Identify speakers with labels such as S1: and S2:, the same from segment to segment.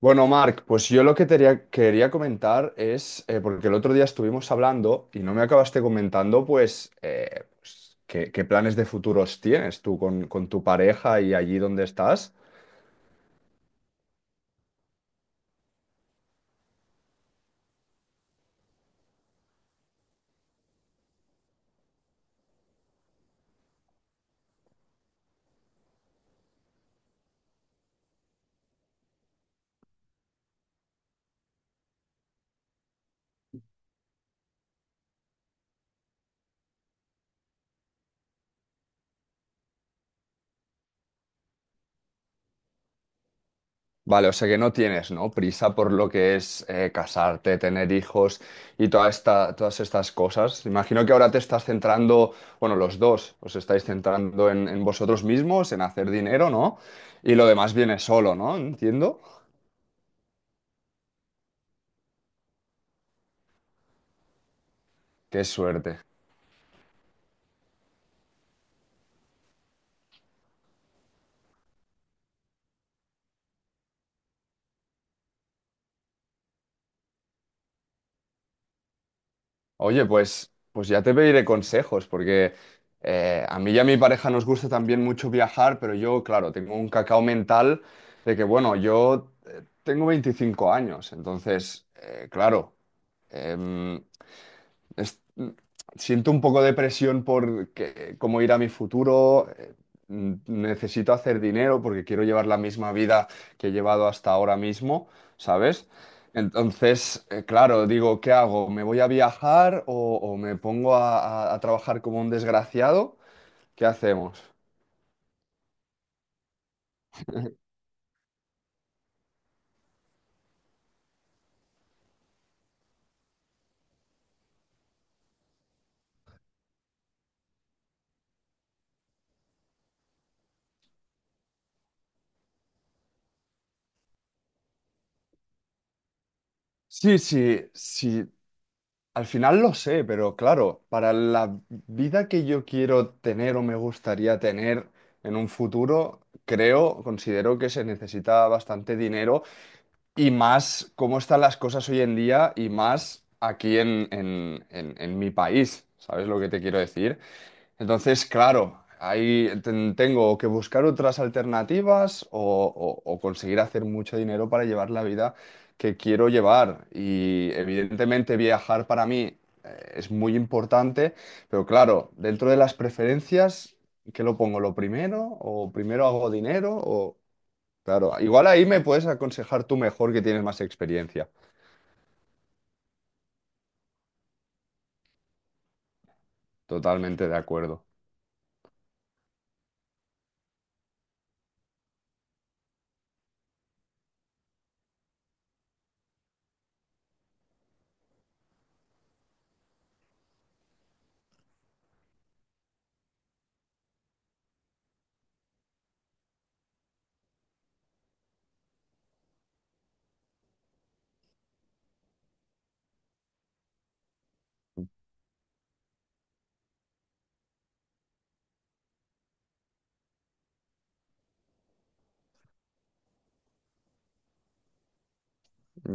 S1: Bueno, Marc, pues yo lo que te quería comentar es, porque el otro día estuvimos hablando y no me acabaste comentando, pues, qué planes de futuros tienes tú con tu pareja y allí donde estás. Vale, o sea que no tienes, ¿no? Prisa por lo que es casarte, tener hijos y todas estas cosas. Imagino que ahora te estás centrando, bueno, los dos os estáis centrando en vosotros mismos, en hacer dinero, ¿no? Y lo demás viene solo, ¿no? Entiendo. Qué suerte. Oye, pues ya te pediré consejos, porque a mí y a mi pareja nos gusta también mucho viajar, pero yo, claro, tengo un cacao mental de que, bueno, yo tengo 25 años, entonces, claro, em, es- siento un poco de presión cómo irá mi futuro. Necesito hacer dinero porque quiero llevar la misma vida que he llevado hasta ahora mismo, ¿sabes? Entonces, claro, digo, ¿qué hago? ¿Me voy a viajar o me pongo a trabajar como un desgraciado? ¿Qué hacemos? Sí, sí, sí. Al final lo sé, pero claro, para la vida que yo quiero tener o me gustaría tener en un futuro, creo, considero que se necesita bastante dinero y más cómo están las cosas hoy en día y más aquí en mi país. ¿Sabes lo que te quiero decir? Entonces, claro, ahí tengo que buscar otras alternativas o, o conseguir hacer mucho dinero para llevar la vida que quiero llevar. Y evidentemente viajar para mí es muy importante, pero claro, dentro de las preferencias, ¿qué lo pongo? ¿Lo primero? ¿O primero hago dinero? O claro, igual ahí me puedes aconsejar tú mejor que tienes más experiencia. Totalmente de acuerdo.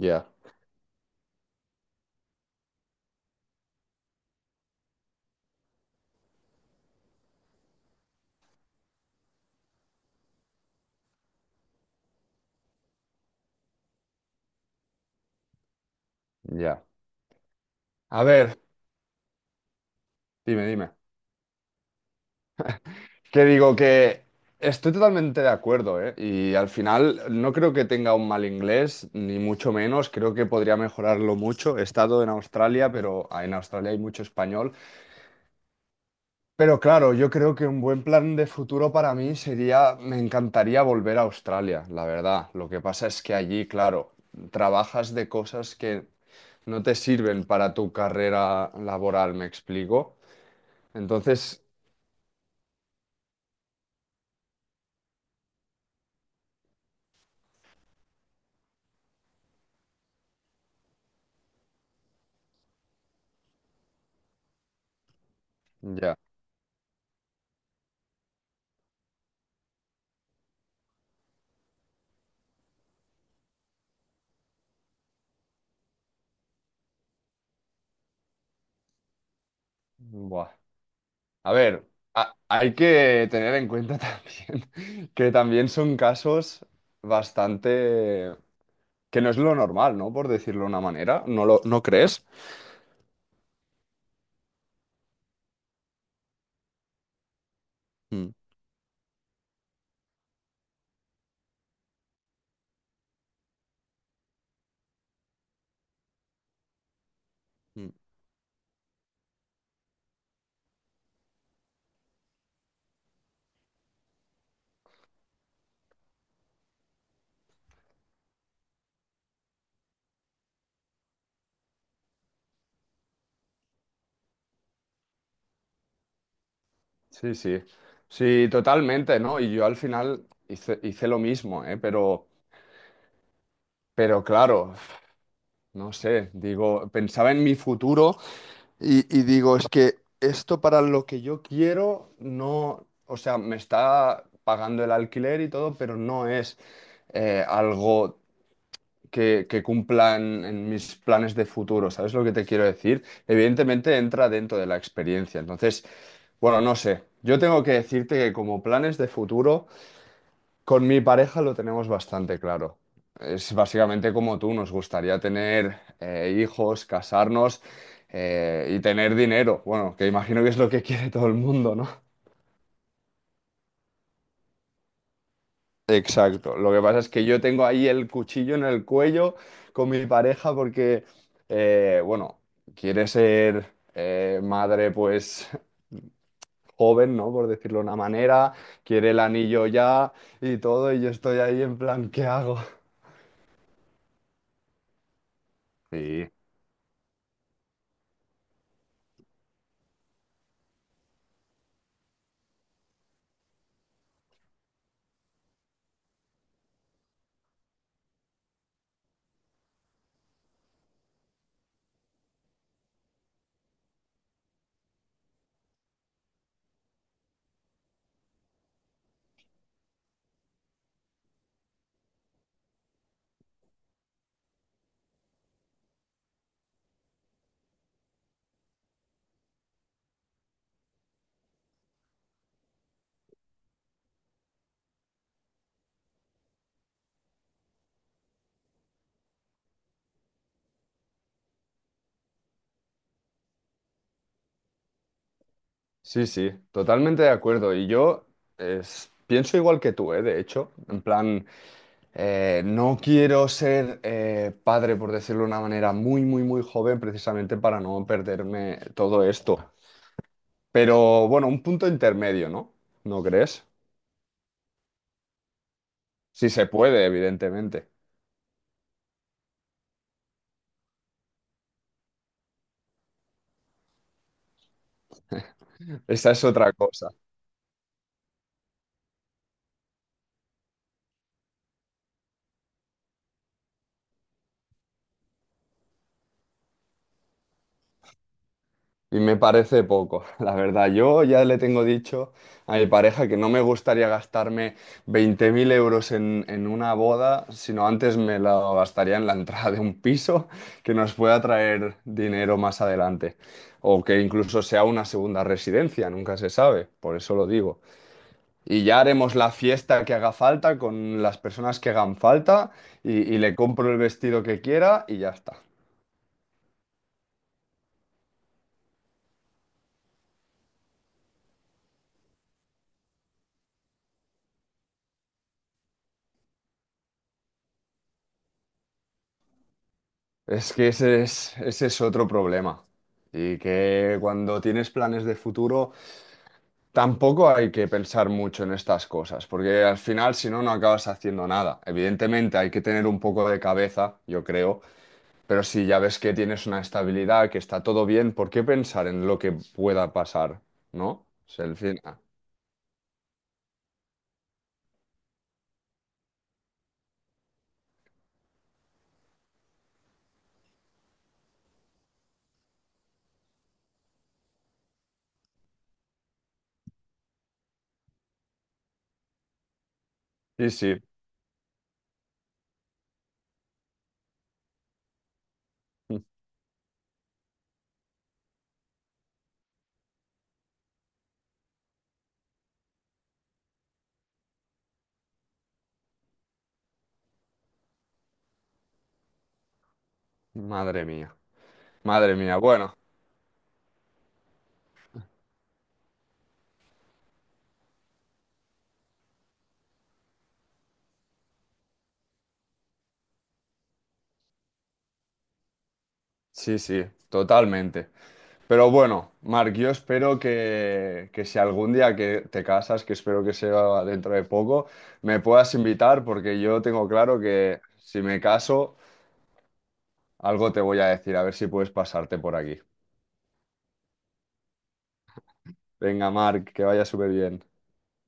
S1: Ya, ya. A ver, dime, dime. Que digo que estoy totalmente de acuerdo, ¿eh? Y al final no creo que tenga un mal inglés, ni mucho menos. Creo que podría mejorarlo mucho. He estado en Australia, pero en Australia hay mucho español. Pero claro, yo creo que un buen plan de futuro para mí sería, me encantaría volver a Australia, la verdad. Lo que pasa es que allí, claro, trabajas de cosas que no te sirven para tu carrera laboral, ¿me explico? Entonces, ya, buah. A ver, hay que tener en cuenta también que también son casos bastante... que no es lo normal, ¿no? Por decirlo de una manera, ¿no crees? Mm, mm. Sí, sí, sí, totalmente, ¿no? Y yo al final hice lo mismo, ¿eh? Pero claro, no sé, digo, pensaba en mi futuro. Y digo, es que esto para lo que yo quiero, no, o sea, me está pagando el alquiler y todo, pero no es algo que cumpla en mis planes de futuro, ¿sabes lo que te quiero decir? Evidentemente entra dentro de la experiencia, entonces, bueno, no sé, yo tengo que decirte que como planes de futuro... Con mi pareja lo tenemos bastante claro. Es básicamente como tú, nos gustaría tener hijos, casarnos y tener dinero. Bueno, que imagino que es lo que quiere todo el mundo, ¿no? Exacto. Lo que pasa es que yo tengo ahí el cuchillo en el cuello con mi pareja porque, bueno, quiere ser madre pues joven, ¿no? Por decirlo de una manera, quiere el anillo ya y todo y yo estoy ahí en plan, ¿qué hago? Sí. Sí, sí, totalmente de acuerdo. Y yo pienso igual que tú, ¿eh? De hecho, en plan, no quiero ser padre, por decirlo de una manera, muy, muy, muy joven, precisamente para no perderme todo esto. Pero bueno, un punto intermedio, ¿no? ¿No crees? Si se puede, evidentemente. Esa es otra cosa. Y me parece poco, la verdad. Yo ya le tengo dicho a mi pareja que no me gustaría gastarme 20.000 euros en una boda, sino antes me lo gastaría en la entrada de un piso que nos pueda traer dinero más adelante. O que incluso sea una segunda residencia, nunca se sabe, por eso lo digo. Y ya haremos la fiesta que haga falta con las personas que hagan falta y le compro el vestido que quiera y ya está. Es que ese es otro problema. Y que cuando tienes planes de futuro, tampoco hay que pensar mucho en estas cosas, porque al final, si no, no acabas haciendo nada. Evidentemente, hay que tener un poco de cabeza, yo creo, pero si ya ves que tienes una estabilidad, que está todo bien, ¿por qué pensar en lo que pueda pasar? ¿No? O sea, al final. Sí, sí. Madre mía. Madre mía. Bueno, sí, sí, totalmente. Pero bueno, Marc, yo espero que si algún día que te casas, que espero que sea dentro de poco, me puedas invitar porque yo tengo claro que si me caso, algo te voy a decir, a ver si puedes pasarte por aquí. Venga, Marc, que vaya súper bien.